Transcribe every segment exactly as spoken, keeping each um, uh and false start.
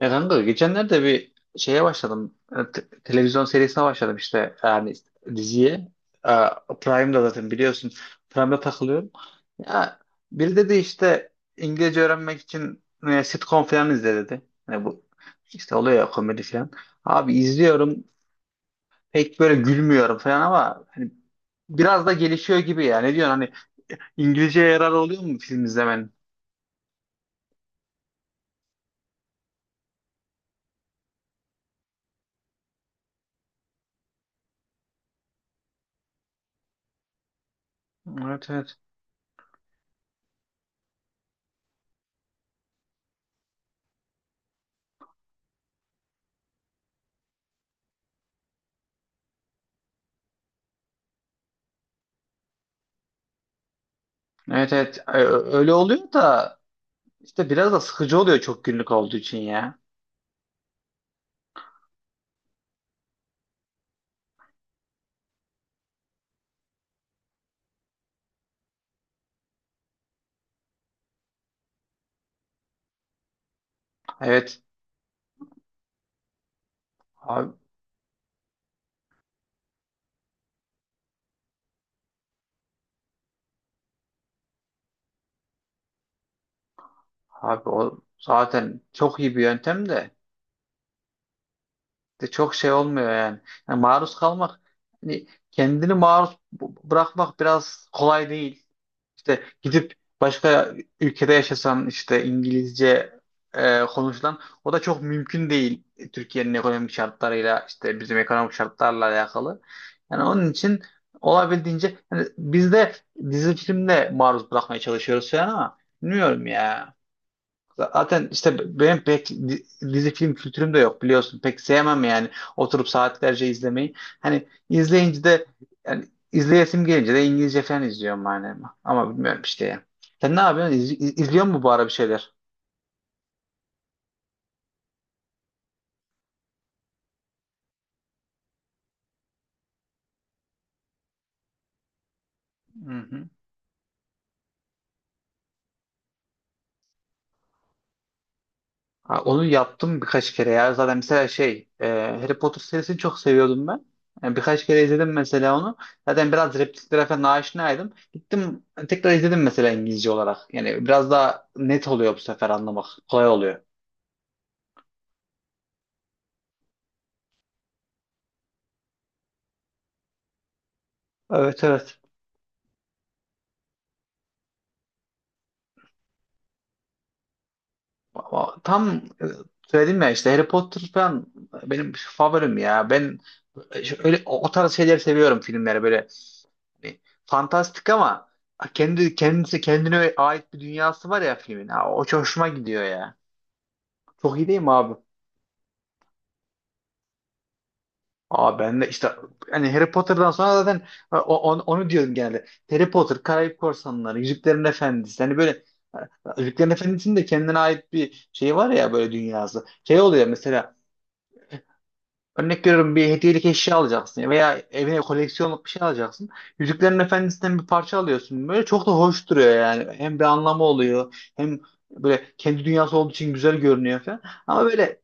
Ya kanka geçenlerde bir şeye başladım. E, te- televizyon serisine başladım işte yani diziye. E, Prime'da zaten biliyorsun. Prime'da takılıyorum. Ya biri dedi işte İngilizce öğrenmek için e, sitcom falan izle dedi. Yani bu işte oluyor ya komedi falan. Abi izliyorum, pek böyle gülmüyorum falan ama hani biraz da gelişiyor gibi ya. Ne diyorsun hani, İngilizceye yarar oluyor mu film izlemenin? Evet, evet. Evet, evet. E, Öyle oluyor da İşte biraz da sıkıcı oluyor çok günlük olduğu için ya. Evet abi, abi o zaten çok iyi bir yöntem de de çok şey olmuyor yani. Yani maruz kalmak, hani kendini maruz b- bırakmak biraz kolay değil. İşte gidip başka ülkede yaşasan işte İngilizce e, konuşulan, o da çok mümkün değil. Türkiye'nin ekonomik şartlarıyla, işte bizim ekonomik şartlarla alakalı. Yani onun için olabildiğince hani biz de dizi filmle maruz bırakmaya çalışıyoruz falan ama bilmiyorum ya. Zaten işte benim pek di- dizi film kültürüm de yok, biliyorsun. Pek sevmem yani oturup saatlerce izlemeyi. Hani izleyince de, yani izleyesim gelince de İngilizce falan izliyorum yani. Ama bilmiyorum işte ya. Sen ne yapıyorsun? İz, iz- izliyor musun bu ara bir şeyler? Hı hı. Ha, onu yaptım birkaç kere ya. Zaten mesela şey, e, Harry Potter serisini çok seviyordum ben. Yani birkaç kere izledim mesela onu. Zaten biraz repliklere falan aşinaydım. Gittim tekrar izledim mesela İngilizce olarak. Yani biraz daha net oluyor bu sefer anlamak. Kolay oluyor. Evet, evet. Ama tam e, söyledim ya işte, Harry Potter falan benim favorim ya. Ben e, öyle o o tarz şeyler seviyorum, filmleri böyle. Hani fantastik ama kendi kendisi kendine ait bir dünyası var ya filmin. Ha, o çok hoşuma gidiyor ya. Çok iyi değil mi abi? Aa, ben de işte hani Harry Potter'dan sonra zaten o- o- onu diyorum genelde. Harry Potter, Karayip Korsanları, Yüzüklerin Efendisi. Hani böyle e, Yüzüklerin Efendisi'nin de kendine ait bir şey var ya, böyle dünyası. Şey oluyor mesela, örnek veriyorum, bir hediyelik eşya alacaksın veya evine koleksiyonluk bir şey alacaksın. Yüzüklerin Efendisi'nden bir parça alıyorsun. Böyle çok da hoş duruyor yani. Hem bir anlamı oluyor, hem böyle kendi dünyası olduğu için güzel görünüyor falan. Ama böyle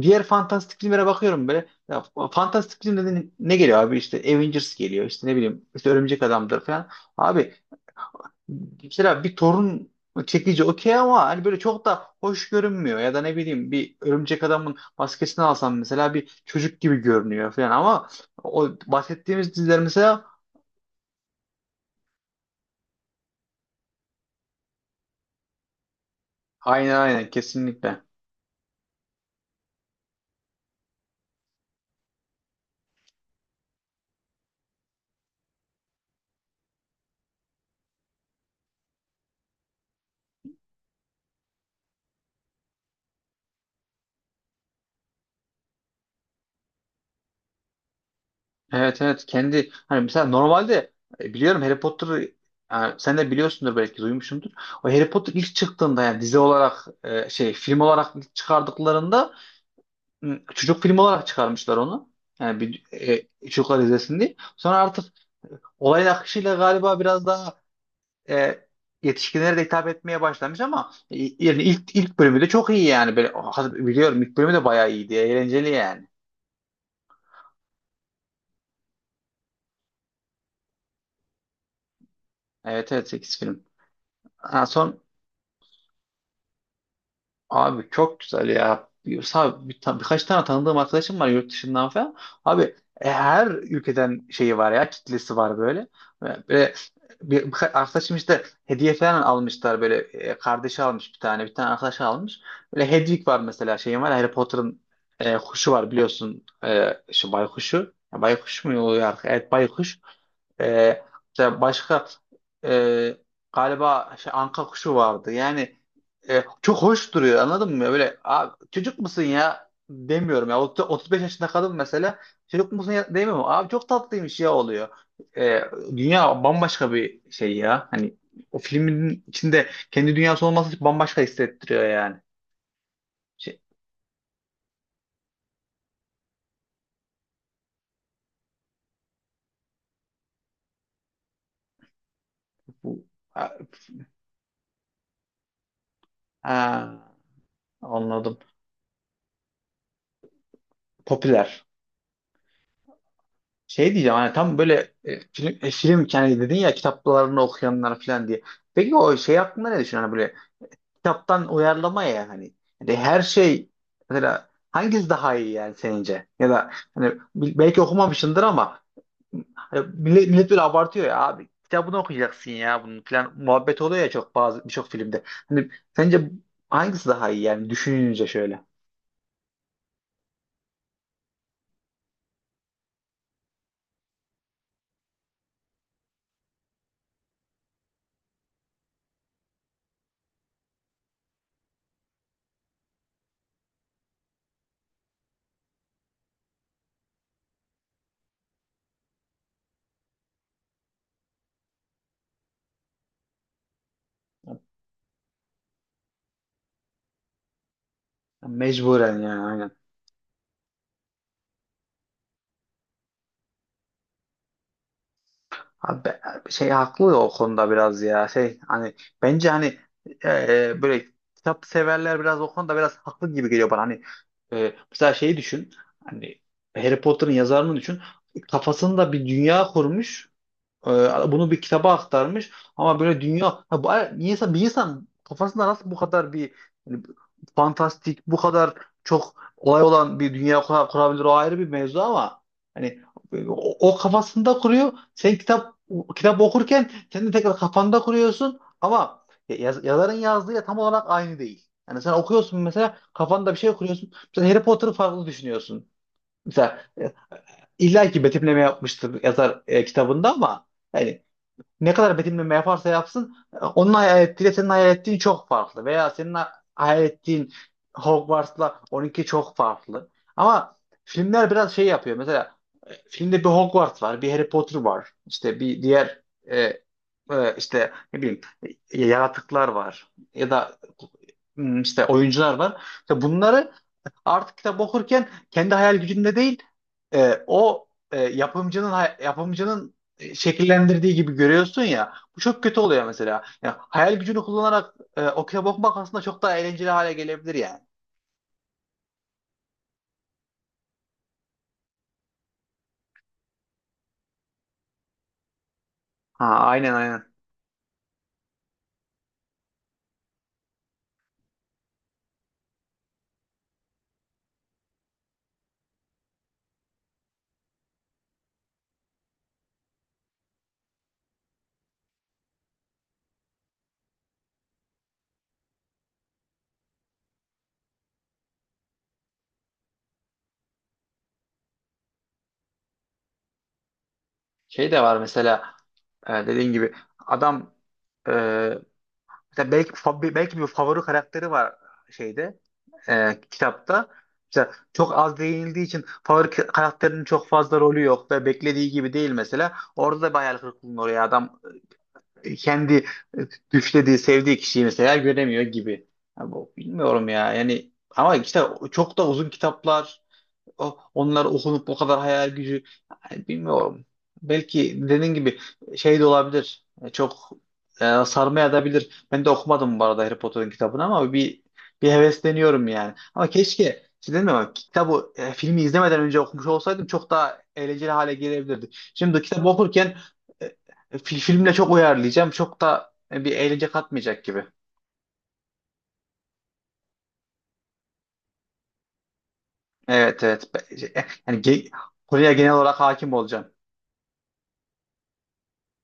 diğer fantastik filmlere bakıyorum böyle. Ya, fantastik film dediğin ne geliyor abi? İşte Avengers geliyor, işte ne bileyim, işte Örümcek Adam'dır falan. Abi, mesela bir torun çekici okey, ama hani böyle çok da hoş görünmüyor. Ya da ne bileyim, bir örümcek adamın maskesini alsam mesela, bir çocuk gibi görünüyor falan. Ama o bahsettiğimiz diziler mesela, aynen aynen, kesinlikle. Evet evet, kendi hani mesela normalde e, biliyorum Harry Potter'ı, yani sen de biliyorsundur, belki duymuşsundur. O Harry Potter ilk çıktığında, yani dizi olarak e, şey, film olarak ilk çıkardıklarında m, çocuk filmi olarak çıkarmışlar onu. Yani bir e, çocuklar izlesin diye. Sonra artık olayın akışıyla galiba biraz daha e, yetişkinlere de hitap etmeye başlamış ama e, yani ilk ilk bölümü de çok iyi yani. Böyle, biliyorum ilk bölümü de bayağı iyiydi. Eğlenceli yani. Evet evet, sekiz film. Ha, son. Abi çok güzel ya. Sa- Bir, ta- birkaç tane tanıdığım arkadaşım var yurt dışından falan. Abi, e, her ülkeden şeyi var ya, kitlesi var böyle. Ve- Böyle bir, birkaç arkadaşım işte hediye falan almışlar. Böyle e, kardeşi almış, bir tane, bir tane arkadaş almış. Böyle Hedwig var mesela, şeyim var, Harry Potter'ın e, kuşu var biliyorsun, e, şu baykuşu. Ya baykuş mu oluyor? Evet, baykuş. Ee, işte başka e, galiba şey, anka kuşu vardı. Yani e, çok hoş duruyor, anladın mı? Böyle abi, çocuk musun ya demiyorum ya. Ot- otuz beş yaşında kadın mesela, çocuk musun ya demiyorum. Abi, çok tatlıymış ya oluyor. Ee, Dünya bambaşka bir şey ya. Hani o filmin içinde kendi dünyası olması bambaşka hissettiriyor yani. Şey, bu, ha, ha, anladım. Popüler. Şey diyeceğim, hani tam böyle e, film, e, film, yani dedin ya kitaplarını okuyanlar falan diye. Peki o şey hakkında ne düşünüyorsun? Hani böyle kitaptan uyarlama ya hani. Yani her şey mesela, hangisi daha iyi yani senince? Ya da hani bil- belki okumamışsındır ama hani millet, millet böyle abartıyor ya abi. Kitabını okuyacaksın ya bunun falan muhabbet oluyor ya çok, bazı birçok filmde. Hani sence hangisi daha iyi yani düşününce şöyle. Mecburen yani, aynen. Abi be- şey haklı ya o konuda biraz ya, şey hani, bence hani e, e, böyle kitap severler biraz o konuda biraz haklı gibi geliyor bana. Hani e, mesela şeyi düşün, hani Harry Potter'ın yazarını düşün, kafasında bir dünya kurmuş. Ee, bunu bir kitaba aktarmış ama böyle dünya, ha, bu, bir insan, bir insan kafasında nasıl bu kadar bir, hani, fantastik, bu kadar çok olay olan bir dünya kura- kurabilir, o ayrı bir mevzu. Ama hani o, o kafasında kuruyor, sen kitap kitap okurken sen de tekrar kafanda kuruyorsun, ama yaz- yazarın yazdığı tam olarak aynı değil. Yani sen okuyorsun mesela, kafanda bir şey kuruyorsun. Mesela Harry Potter'ı farklı düşünüyorsun. Mesela e, illa ki betimleme yapmıştır yazar e, kitabında, ama yani ne kadar betimleme yaparsa yapsın onun hayal ettiğiyle senin hayal ettiğin çok farklı. Veya senin ha- hayal ettiğin Hogwarts'la onunki çok farklı. Ama filmler biraz şey yapıyor. Mesela e, filmde bir Hogwarts var, bir Harry Potter var. İşte bir diğer e, e, işte ne bileyim, e, yaratıklar var, ya da hmm, işte oyuncular var. İşte bunları artık kitap okurken kendi hayal gücünde değil, e, o e, yapımcının, hay- yapımcının e, şekillendirdiği gibi görüyorsun ya. Bu çok kötü oluyor mesela. Ya, hayal gücünü kullanarak e, okey bakmak aslında çok daha eğlenceli hale gelebilir yani. Ha, aynen aynen. Şey de var mesela, e, dediğin gibi, adam e, mesela belki fa- belki bir favori karakteri var şeyde, e, kitapta. Mesela çok az değinildiği için favori karakterinin çok fazla rolü yok ve beklediği gibi değil mesela. Orada da bir hayal kırıklığına uğruyor adam. E, kendi düşlediği, sevdiği kişiyi mesela göremiyor gibi. Ya bu, bilmiyorum ya. Yani ama işte çok da uzun kitaplar, o, onlar okunup bu kadar hayal gücü, yani bilmiyorum. Belki dediğin gibi şey de olabilir. E, Çok e, sarmaya da bilir. Ben de okumadım bu arada Harry Potter'ın kitabını, ama bir bir hevesleniyorum yani. Ama keşke, işte dedim ama, kitabı e, filmi izlemeden önce okumuş olsaydım çok daha eğlenceli hale gelebilirdi. Şimdi kitabı okurken e, e, fil- filmle çok uyarlayacağım. Çok da e, bir eğlence katmayacak gibi. Evet, evet. Be- şey, e, Yani ge- konuya genel olarak hakim olacağım.